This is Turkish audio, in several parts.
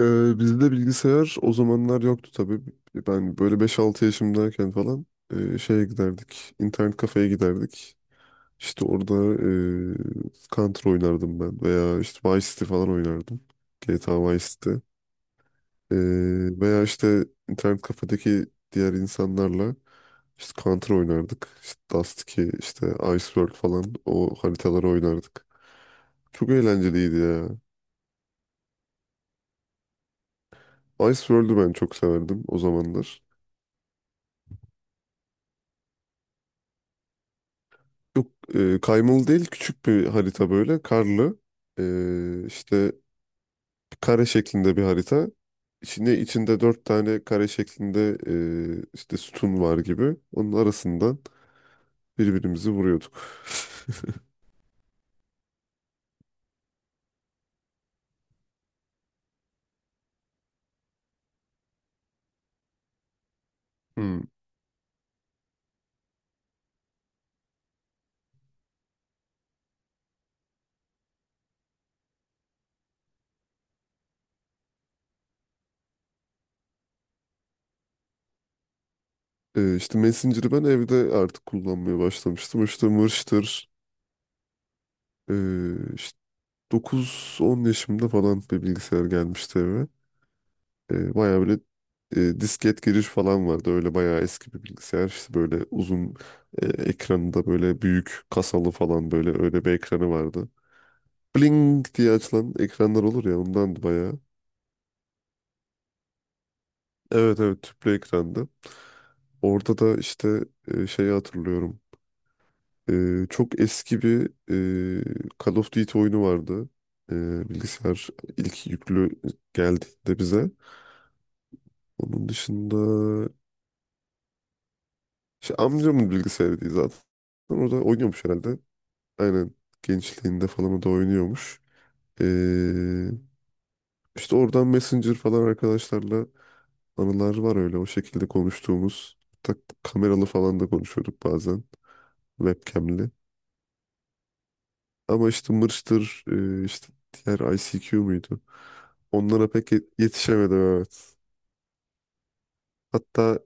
Bizde bilgisayar o zamanlar yoktu tabii. Ben böyle beş altı yaşımdayken falan şeye giderdik. İnternet kafeye giderdik. İşte orada Counter oynardım ben veya işte Vice City falan oynardım. GTA Vice City. E, Veya işte internet kafedeki diğer insanlarla işte Counter oynardık. İşte Dust 2, işte Ice World falan o haritaları oynardık. Çok eğlenceliydi ya. Ice world'u ben çok severdim o zamanlar. Yok kaymalı değil, küçük bir harita, böyle karlı. E, işte Kare şeklinde bir harita. İçinde dört tane kare şeklinde işte sütun var gibi. Onun arasından birbirimizi vuruyorduk. Hmm. İşte Messenger'ı ben evde artık kullanmaya başlamıştım. İşte Mırş'tır e, işte dokuz on yaşımda falan bir bilgisayar gelmişti eve. Bayağı böyle disket giriş falan vardı. Öyle bayağı eski bir bilgisayar. İşte böyle uzun ekranında, böyle büyük kasalı falan, böyle öyle bir ekranı vardı. Bling diye açılan ekranlar olur ya, ondandı bayağı. Evet evet, tüplü ekrandı. Orada da işte şeyi hatırlıyorum. Çok eski bir Call of Duty oyunu vardı. Bilgisayar ilk yüklü geldiğinde bize. Onun dışında işte amcamın bilgisayarıydı zaten. Orada oynuyormuş herhalde. Aynen, gençliğinde falan o da oynuyormuş. Ee, işte oradan Messenger falan arkadaşlarla anılar var, öyle o şekilde konuştuğumuz. Tak, kameralı falan da konuşuyorduk bazen, webcam'li. Ama işte Mırç'tır işte diğer ICQ muydu? Onlara pek yetişemedim, evet. Hatta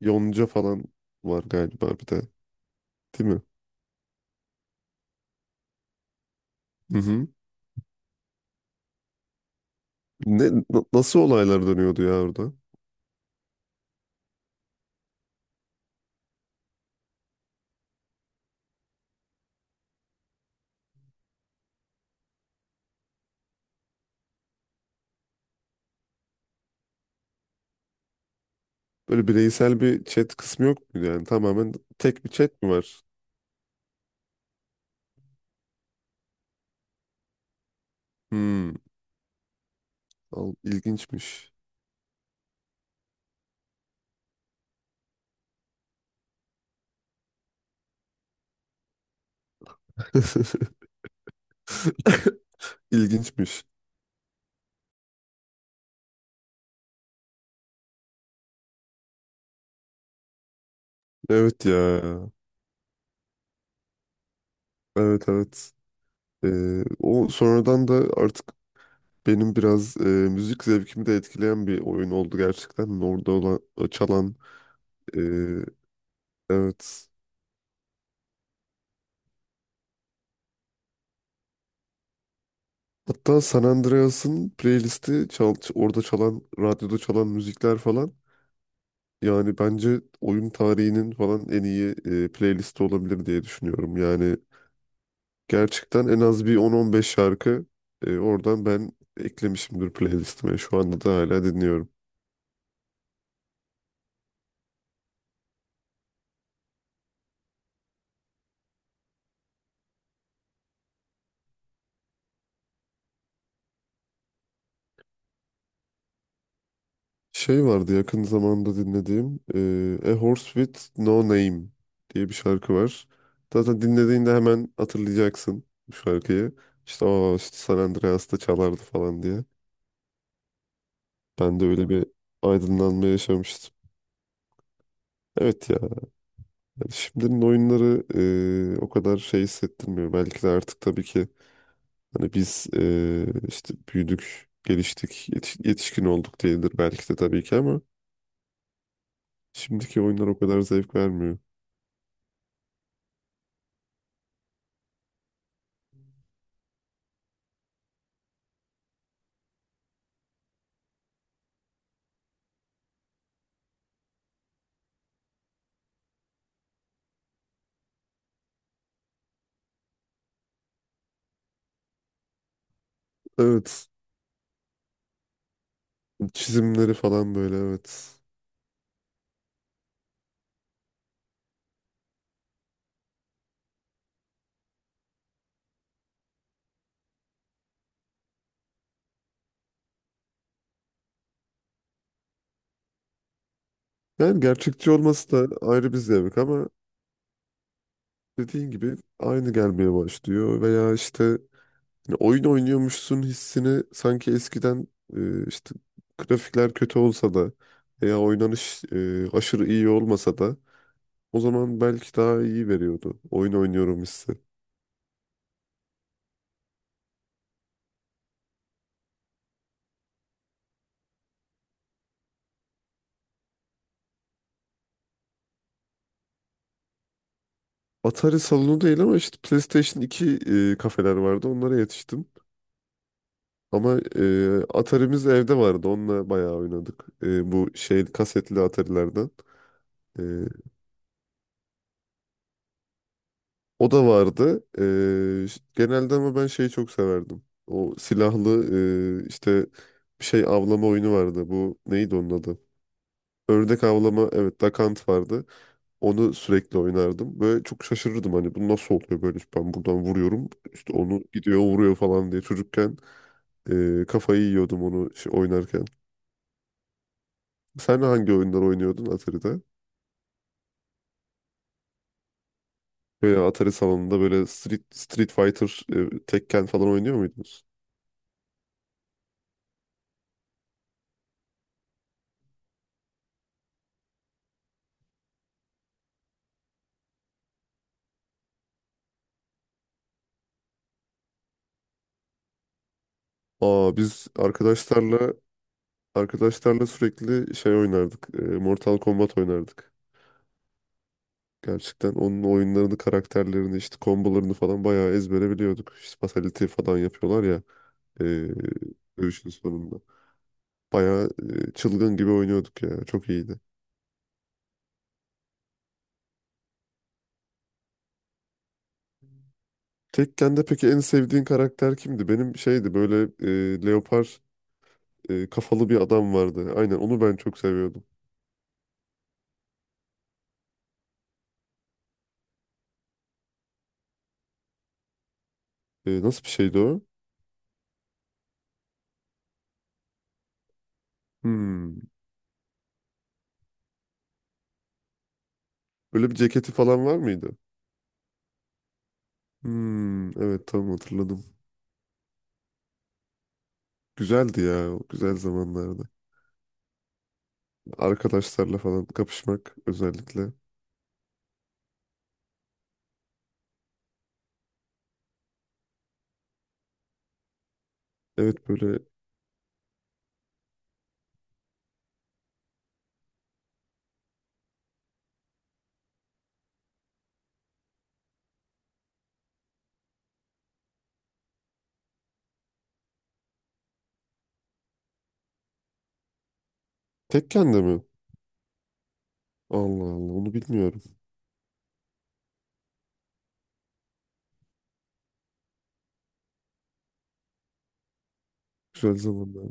Yonca falan var galiba bir de, değil mi? Hı hı. Ne, nasıl olaylar dönüyordu ya orada? Böyle bireysel bir chat kısmı yok muydu yani? Tamamen tek bir chat mi var? Hmm. Al, ilginçmiş. İlginçmiş. Evet ya. Evet evet. O sonradan da artık benim biraz müzik zevkimi de etkileyen bir oyun oldu gerçekten. Orada olan, o çalan. E, evet. Hatta San Andreas'ın playlisti çal, orada çalan, radyoda çalan müzikler falan. Yani bence oyun tarihinin falan en iyi playlisti olabilir diye düşünüyorum. Yani gerçekten en az bir 10-15 şarkı oradan ben eklemişimdir playlistime. Şu anda da hala dinliyorum. Şey vardı yakın zamanda dinlediğim, A Horse With No Name diye bir şarkı var. Zaten dinlediğinde hemen hatırlayacaksın bu şarkıyı. İşte o işte San Andreas'ta çalardı falan diye. Ben de öyle bir aydınlanma yaşamıştım. Evet ya, yani şimdinin oyunları o kadar şey hissettirmiyor. Belki de artık tabii ki hani biz işte büyüdük, geliştik, yetişkin olduk diyedir belki de tabii ki, ama şimdiki oyunlar o kadar zevk vermiyor. Evet. Çizimleri falan böyle, evet. Yani gerçekçi olması da ayrı bir zevk ama dediğin gibi aynı gelmeye başlıyor, veya işte hani oyun oynuyormuşsun hissini sanki eskiden işte grafikler kötü olsa da veya oynanış aşırı iyi olmasa da o zaman belki daha iyi veriyordu. Oyun oynuyorum hissi. Atari salonu değil ama işte PlayStation iki kafeler vardı. Onlara yetiştim. Ama Atari'miz evde vardı. Onunla bayağı oynadık. Bu şey kasetli Atari'lerden. E, O da vardı. Genelde ama ben şeyi çok severdim. O silahlı e, işte bir şey avlama oyunu vardı. Bu neydi onun adı? Ördek avlama, evet, Dakant vardı. Onu sürekli oynardım. Böyle çok şaşırırdım, hani bu nasıl oluyor böyle, ben buradan vuruyorum, işte onu gidiyor vuruyor falan diye çocukken. Kafayı yiyordum onu şey, oynarken. Sen hangi oyunlar oynuyordun Atari'de? Böyle Atari salonunda böyle Street Fighter, Tekken falan oynuyor muydunuz? Aa, biz arkadaşlarla arkadaşlarla sürekli şey oynardık, Mortal Kombat oynardık. Gerçekten onun oyunlarını, karakterlerini, işte kombolarını falan bayağı ezbere biliyorduk. İşte fatality falan yapıyorlar ya e, dövüşün sonunda. Bayağı çılgın gibi oynuyorduk ya. Çok iyiydi. Tekken'de peki en sevdiğin karakter kimdi? Benim şeydi, böyle leopar kafalı bir adam vardı. Aynen onu ben çok seviyordum. Nasıl bir şeydi o? Hmm. Böyle bir ceketi falan var mıydı? Hmm, evet, tamam, hatırladım. Güzeldi ya o güzel zamanlarda. Arkadaşlarla falan kapışmak özellikle. Evet böyle. Tekken'de mi? Allah Allah, onu bilmiyorum. Güzel zamanlar.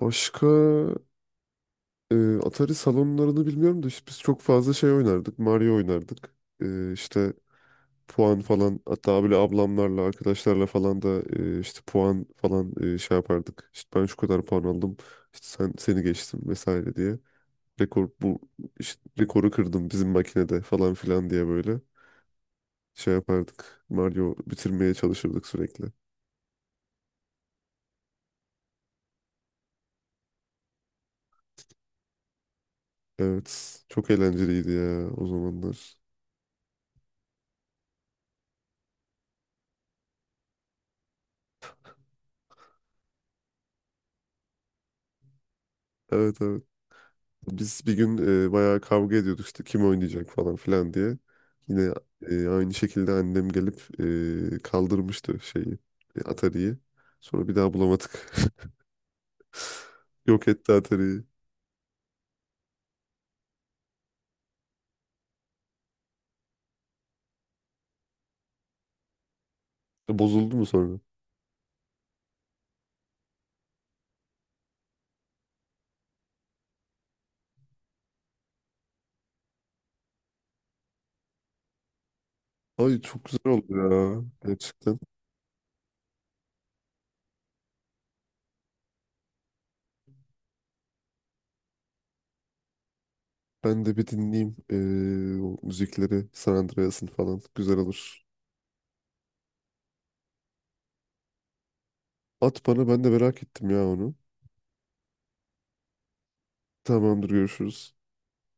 Başka Atari salonlarını bilmiyorum da işte biz çok fazla şey oynardık. Mario oynardık. E, işte Puan falan, hatta böyle ablamlarla arkadaşlarla falan da puan falan şey yapardık. İşte ben şu kadar puan aldım, işte sen seni geçtim vesaire diye. Rekor bu, işte rekoru kırdım bizim makinede falan filan diye, böyle şey yapardık. Mario bitirmeye çalışırdık sürekli. Evet, çok eğlenceliydi ya o zamanlar. Evet evet. Biz bir gün bayağı kavga ediyorduk işte kim oynayacak falan filan diye. Yine aynı şekilde annem gelip kaldırmıştı şeyi, Atari'yi. Sonra bir daha bulamadık. Yok etti Atari'yi. Bozuldu mu sonra? Ay, çok güzel oldu ya gerçekten. Ben de bir dinleyeyim o müzikleri, San Andreas'ın falan. Güzel olur. At bana, ben de merak ettim ya onu. Tamamdır, görüşürüz.